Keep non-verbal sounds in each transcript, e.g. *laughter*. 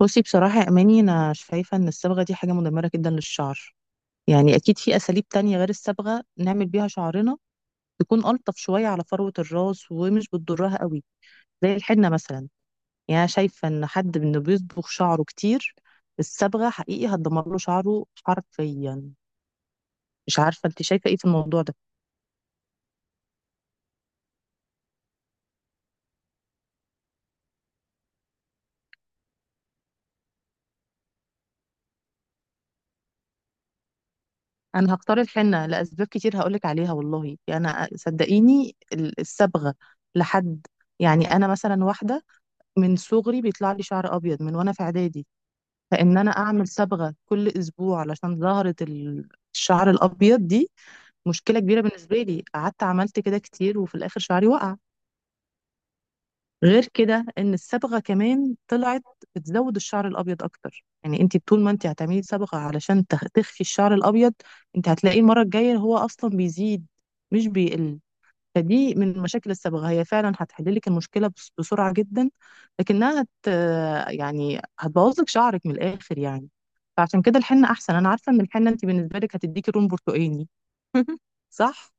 بصي، بصراحة يا أماني، أنا شايفة إن الصبغة دي حاجة مدمرة جدا للشعر. يعني أكيد في أساليب تانية غير الصبغة نعمل بيها شعرنا، تكون ألطف شوية على فروة الراس ومش بتضرها قوي، زي الحنة مثلا. يعني أنا شايفة إن حد إنه بيصبغ شعره كتير الصبغة حقيقي هتدمر له شعره حرفيا. مش عارفة أنت شايفة إيه في الموضوع ده. أنا هختار الحنة لأسباب كتير هقولك عليها، والله يعني أنا صدقيني الصبغة لحد، يعني أنا مثلا واحدة من صغري بيطلع لي شعر ابيض من وانا في اعدادي. فان انا اعمل صبغه كل اسبوع علشان ظهرت الشعر الابيض دي، مشكله كبيره بالنسبه لي. قعدت عملت كده كتير وفي الاخر شعري وقع. غير كده ان الصبغه كمان طلعت بتزود الشعر الابيض اكتر، يعني انت طول ما انت هتعملي صبغه علشان تخفي الشعر الابيض، انت هتلاقيه المره الجايه هو اصلا بيزيد، مش بيقل. فدي من المشاكل السابقة، هي فعلا هتحل لك المشكلة بسرعة جدا، لكنها يعني هتبوظ لك شعرك من الآخر يعني. فعشان كده الحنة أحسن. أنا عارفة إن الحنة أنت بالنسبة لك هتديكي لون برتقاني. *laughs* صح؟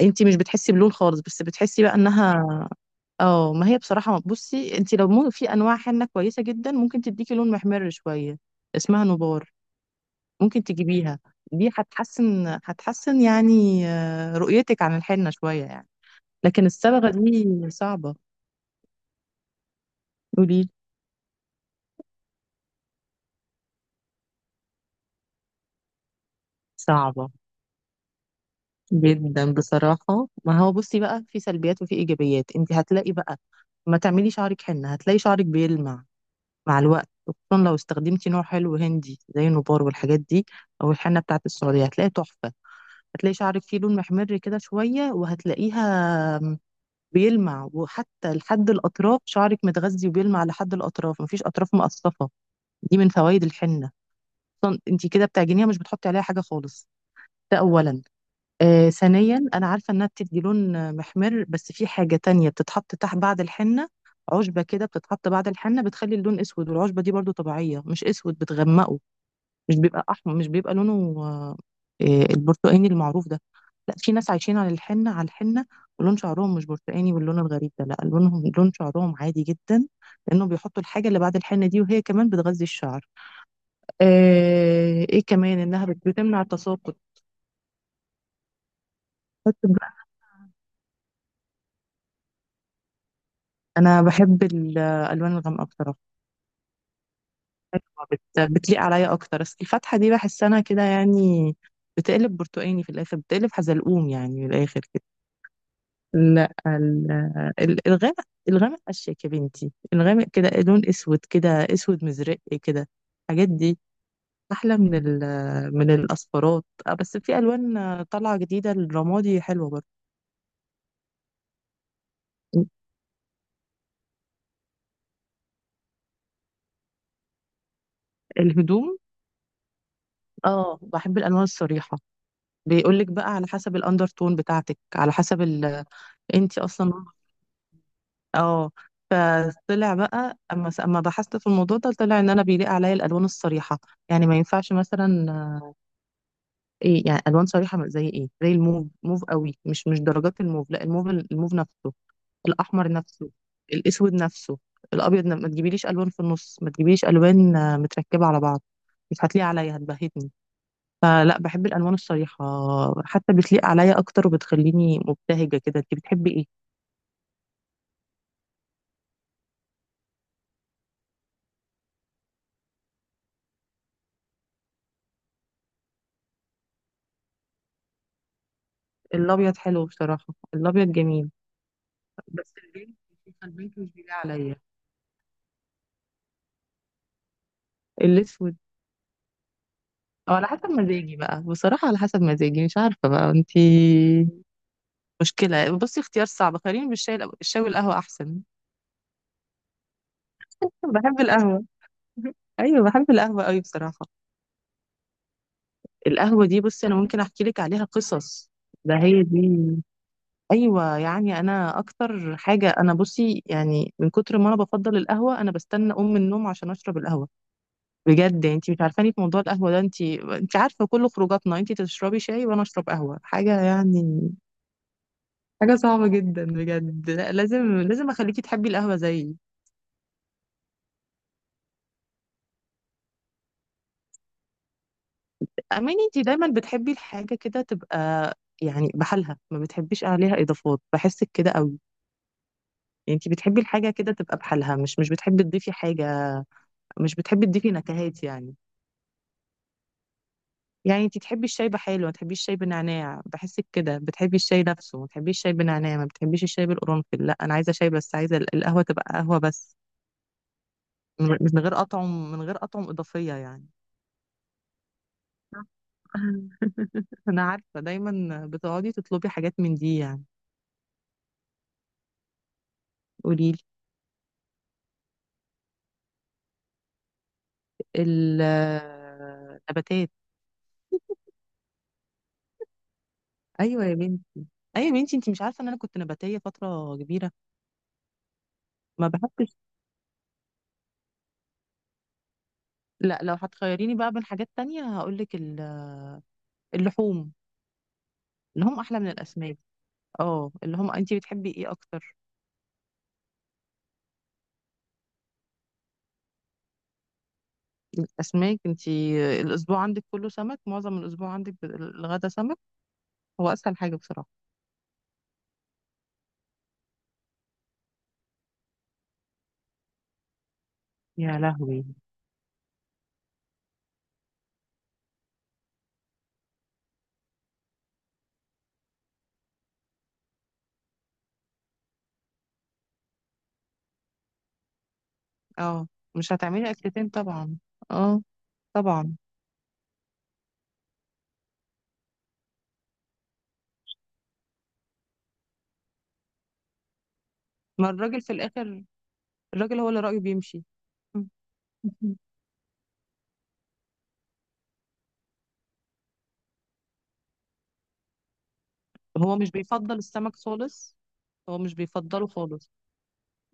أنت مش بتحسي بلون خالص، بس بتحسي بقى إنها. اه، ما هي بصراحة بصي أنت لو مو في أنواع حنة كويسة جدا ممكن تديكي لون محمر شوية، اسمها نبار. ممكن تجيبيها، دي هتحسن هتحسن يعني رؤيتك عن الحنة شوية يعني. لكن الصبغة دي صعبة. قولي. صعبة جدا بصراحة. ما هو بصي بقى في سلبيات وفي إيجابيات، انت هتلاقي بقى ما تعملي شعرك حنة هتلاقي شعرك بيلمع مع الوقت، خصوصا لو استخدمتي نوع حلو هندي زي النبار والحاجات دي، أو الحنة بتاعت السعودية، هتلاقي تحفة. هتلاقي شعرك فيه لون محمر كده شوية، وهتلاقيها بيلمع، وحتى لحد الأطراف شعرك متغذي وبيلمع لحد الأطراف، مفيش أطراف مقصفة. دي من فوائد الحنة. اصلا انت كده بتعجنيها مش بتحطي عليها حاجه خالص، ده أولا. ثانيا، أنا عارفة إنها بتدي لون محمر، بس في حاجة تانية بتتحط تحت بعد الحنة، عشبة كده بتتحط بعد الحنة بتخلي اللون أسود، والعشبة دي برضو طبيعية. مش أسود، بتغمقه، مش بيبقى أحمر، مش بيبقى لونه آه البرتقاني المعروف ده. لا، في ناس عايشين على الحنة على الحنة ولون شعرهم مش برتقاني واللون الغريب ده، لا، لونهم لون شعرهم عادي جدا، لأنهم بيحطوا الحاجة اللي بعد الحنة دي، وهي كمان بتغذي الشعر. إيه كمان إنها بتمنع التساقط. انا بحب الالوان الغامقه بصراحه، حلوة، بتليق عليا اكتر. بس الفاتحه دي بحس انا كده يعني بتقلب برتقاني في الاخر، بتقلب حزلقوم يعني في الاخر كده. لا، الغامق، الغامق اشيك يا بنتي. الغامق كده لون اسود كده، اسود مزرق كده، الحاجات دي احلى من من الاصفرات. بس في الوان طالعه جديده، الرمادي حلوه برضه. الهدوم، اه، بحب الالوان الصريحه. بيقولك بقى على حسب الاندر تون بتاعتك، على حسب انت اصلا. اه، فطلع بقى اما بحثت في الموضوع ده طلع ان انا بيليق عليا الالوان الصريحه. يعني ما ينفعش مثلا ايه، يعني الوان صريحه زي ايه؟ زي الموف، موف قوي، مش درجات الموف. لا، الموف الموف نفسه، الاحمر نفسه، الاسود نفسه، الابيض. ما تجيبيليش الوان في النص، ما تجيبيليش الوان متركبه على بعض، مش هتليق عليا، هتبهتني. فلا، بحب الالوان الصريحه، حتى بتليق عليا اكتر وبتخليني مبتهجه كده. انت بتحبي ايه؟ الابيض حلو بصراحه، الابيض جميل. بس البيج، البيج مش بيليق عليا. الاسود. او على حسب مزاجي بقى، بصراحه على حسب مزاجي. مش عارفه بقى انتي. مشكله، بصي اختيار صعب، خليني بالشاي الشاي والقهوه احسن. بحب القهوه. *laughs* ايوه، بحب القهوه قوي بصراحه. القهوه دي بصي انا ممكن احكي لك عليها قصص. ده هي دي. ايوه، يعني انا اكتر حاجه انا بصي، يعني من كتر ما انا بفضل القهوه انا بستنى ام النوم عشان اشرب القهوه. بجد، انت مش عارفاني في موضوع القهوة ده. انت عارفة كل خروجاتنا، انت تشربي شاي وانا اشرب قهوة، حاجة يعني، حاجة صعبة جدا بجد. لا، لازم لازم اخليكي تحبي القهوة زيي. اماني، انت دايما بتحبي الحاجة كده تبقى يعني بحالها، ما بتحبيش عليها اضافات، بحسك كده قوي. انت بتحبي الحاجة كده تبقى بحالها، مش بتحبي تضيفي حاجة، مش بتحبي تضيفي نكهات يعني. يعني انت تحبي الشاي بحاله، ما تحبيش الشاي بنعناع. بحسك كده بتحبي الشاي نفسه، ما تحبيش الشاي بنعناع، ما بتحبيش الشاي بالقرنفل. لا، انا عايزه شاي بس، عايزه القهوه تبقى قهوه بس، من غير اطعم، من غير اطعم اضافيه يعني. *laughs* انا عارفه دايما بتقعدي تطلبي حاجات من دي يعني. قولي لي. النباتات. ايوه يا بنتي، ايوه يا بنتي، انت مش عارفه ان انا كنت نباتيه فتره كبيره. ما بحبش. لا، لو هتخيريني بقى بين حاجات تانية هقول لك اللحوم. اللحوم احلى من الاسماك. اه، اللي هم انت بتحبي ايه اكتر؟ الاسماك، انت الاسبوع عندك كله سمك، معظم الاسبوع عندك الغدا سمك، هو اسهل حاجه بصراحه. يا لهوي. اه، مش هتعملي اكلتين طبعا. اه، طبعا. ما الراجل في الاخر، الراجل هو اللي رايه بيمشي. *laughs* هو مش بيفضل السمك خالص، هو مش بيفضله خالص،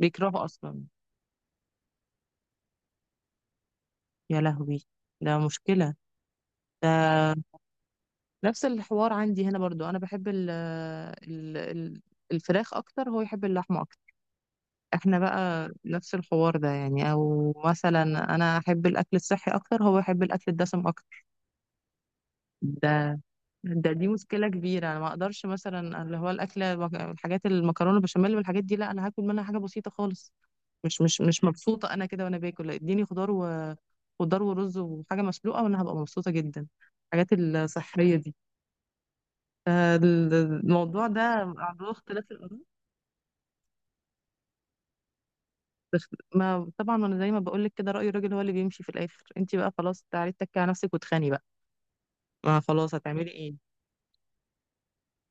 بيكرهه اصلا. يا لهوي، ده مشكله. ده نفس الحوار عندي هنا برضو، انا بحب الفراخ اكتر، هو يحب اللحمه. احنا بقى نفس الحوار ده يعني. او مثلا انا احب الاكل الصحي اكتر، هو يحب الاكل الدسم اكتر. ده ده دي مشكله كبيره. انا ما اقدرش مثلا اللي هو الاكل الحاجات المكرونه بشاميل والحاجات دي، لا، انا هاكل منها حاجه بسيطه خالص. مش مبسوطه انا كده وانا باكل. لا، اديني خضار و خضار ورز وحاجه مسلوقه، وانا هبقى مبسوطه جدا، الحاجات الصحيه دي. الموضوع ده عنده اختلاف الآراء. بس، ما طبعا ما انا زي ما بقول لك كده رأي الراجل هو اللي بيمشي في الاخر. انت بقى خلاص تعالي اتكي على نفسك واتخاني بقى، ما خلاص، هتعملي ايه؟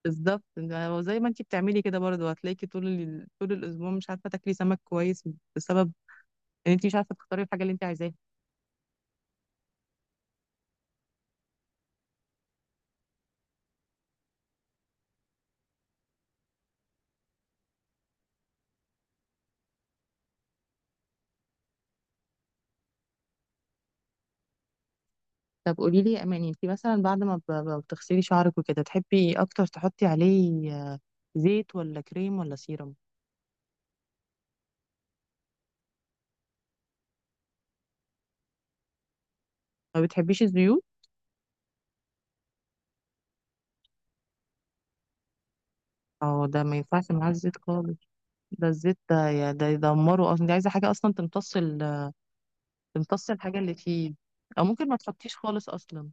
بالظبط، زي ما انت بتعملي كده برضه هتلاقيكي طول طول الاسبوع مش عارفه تاكلي سمك كويس، بسبب ان انت مش عارفه تختاري الحاجه اللي انت عايزاها. طب قولي لي يا اماني، انت مثلا بعد ما بتغسلي شعرك وكده، تحبي اكتر تحطي عليه زيت ولا كريم ولا سيرم؟ ما بتحبيش الزيوت. اه، ده ما ينفعش معاه الزيت خالص. ده الزيت ده ده يدمره اصلا. دي عايزه حاجه اصلا تمتص تمتص الحاجة اللي فيه، أو ممكن ما تحطيش خالص أصلا.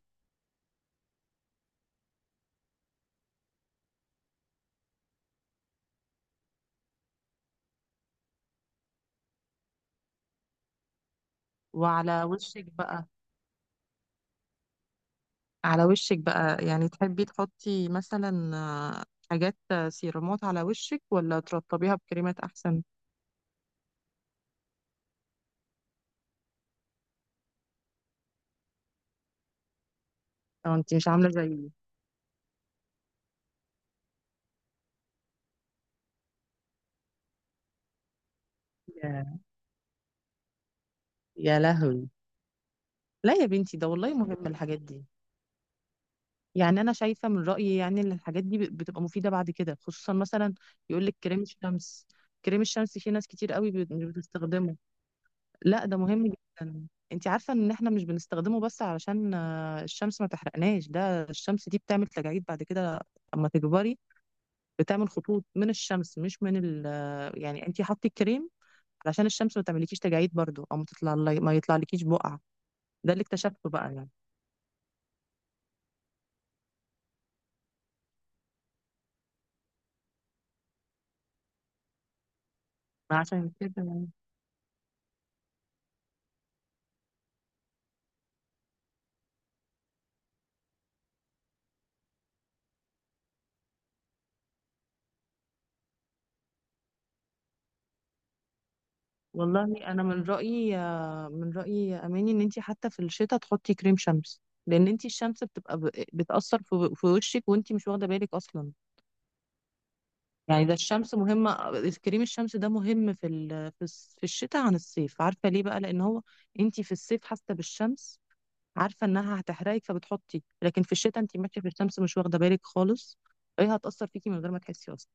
وعلى وشك بقى، على وشك بقى، يعني تحبي تحطي مثلا حاجات سيرامات على وشك، ولا ترطبيها بكريمات أحسن؟ أو أنت مش عاملة زيي؟ يا يا لهوي. لا يا بنتي، ده والله مهم الحاجات دي. يعني أنا شايفة من رأيي، يعني إن الحاجات دي بتبقى مفيدة بعد كده، خصوصا مثلا يقولك كريم الشمس. كريم الشمس في ناس كتير قوي مش بتستخدمه. لا، ده مهم جدا. انت عارفة ان احنا مش بنستخدمه بس علشان الشمس ما تحرقناش، ده الشمس دي بتعمل تجاعيد بعد كده، اما تكبري، بتعمل خطوط من الشمس، مش من ال آه، يعني انت حطي الكريم علشان الشمس ما تعمليكيش تجاعيد برضو، او ما يطلعلكيش بقع. ده اللي اكتشفته بقى يعني. عشان كده والله انا من رأيي، من رأيي يا اماني ان انت حتى في الشتاء تحطي كريم شمس، لان انت الشمس بتبقى بتأثر في وشك وانت مش واخدة بالك اصلا. يعني ده الشمس مهمة. كريم الشمس ده مهم في الشتاء عن الصيف. عارفة ليه بقى؟ لأن هو انتي في الصيف حاسة بالشمس، عارفة انها هتحرقك فبتحطي، لكن في الشتاء انتي ماشية في الشمس مش واخدة بالك خالص، ايه، هتأثر فيكي من غير ما تحسي أصلا.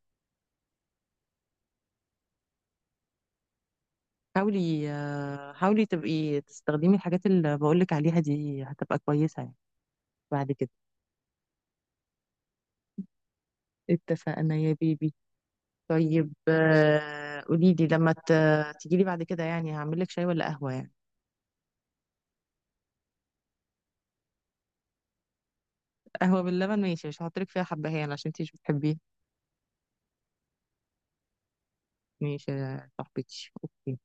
حاولي تبقي تستخدمي الحاجات اللي بقولك عليها دي، هتبقى كويسة يعني بعد كده. اتفقنا يا بيبي. طيب قوليلي لما تجيلي بعد كده يعني هعملك شاي ولا قهوة يعني؟ قهوة باللبن، ماشي. مش هحطلك فيها حبهان عشان انتي مش بتحبيها. ماشي يا صاحبتي، اوكي.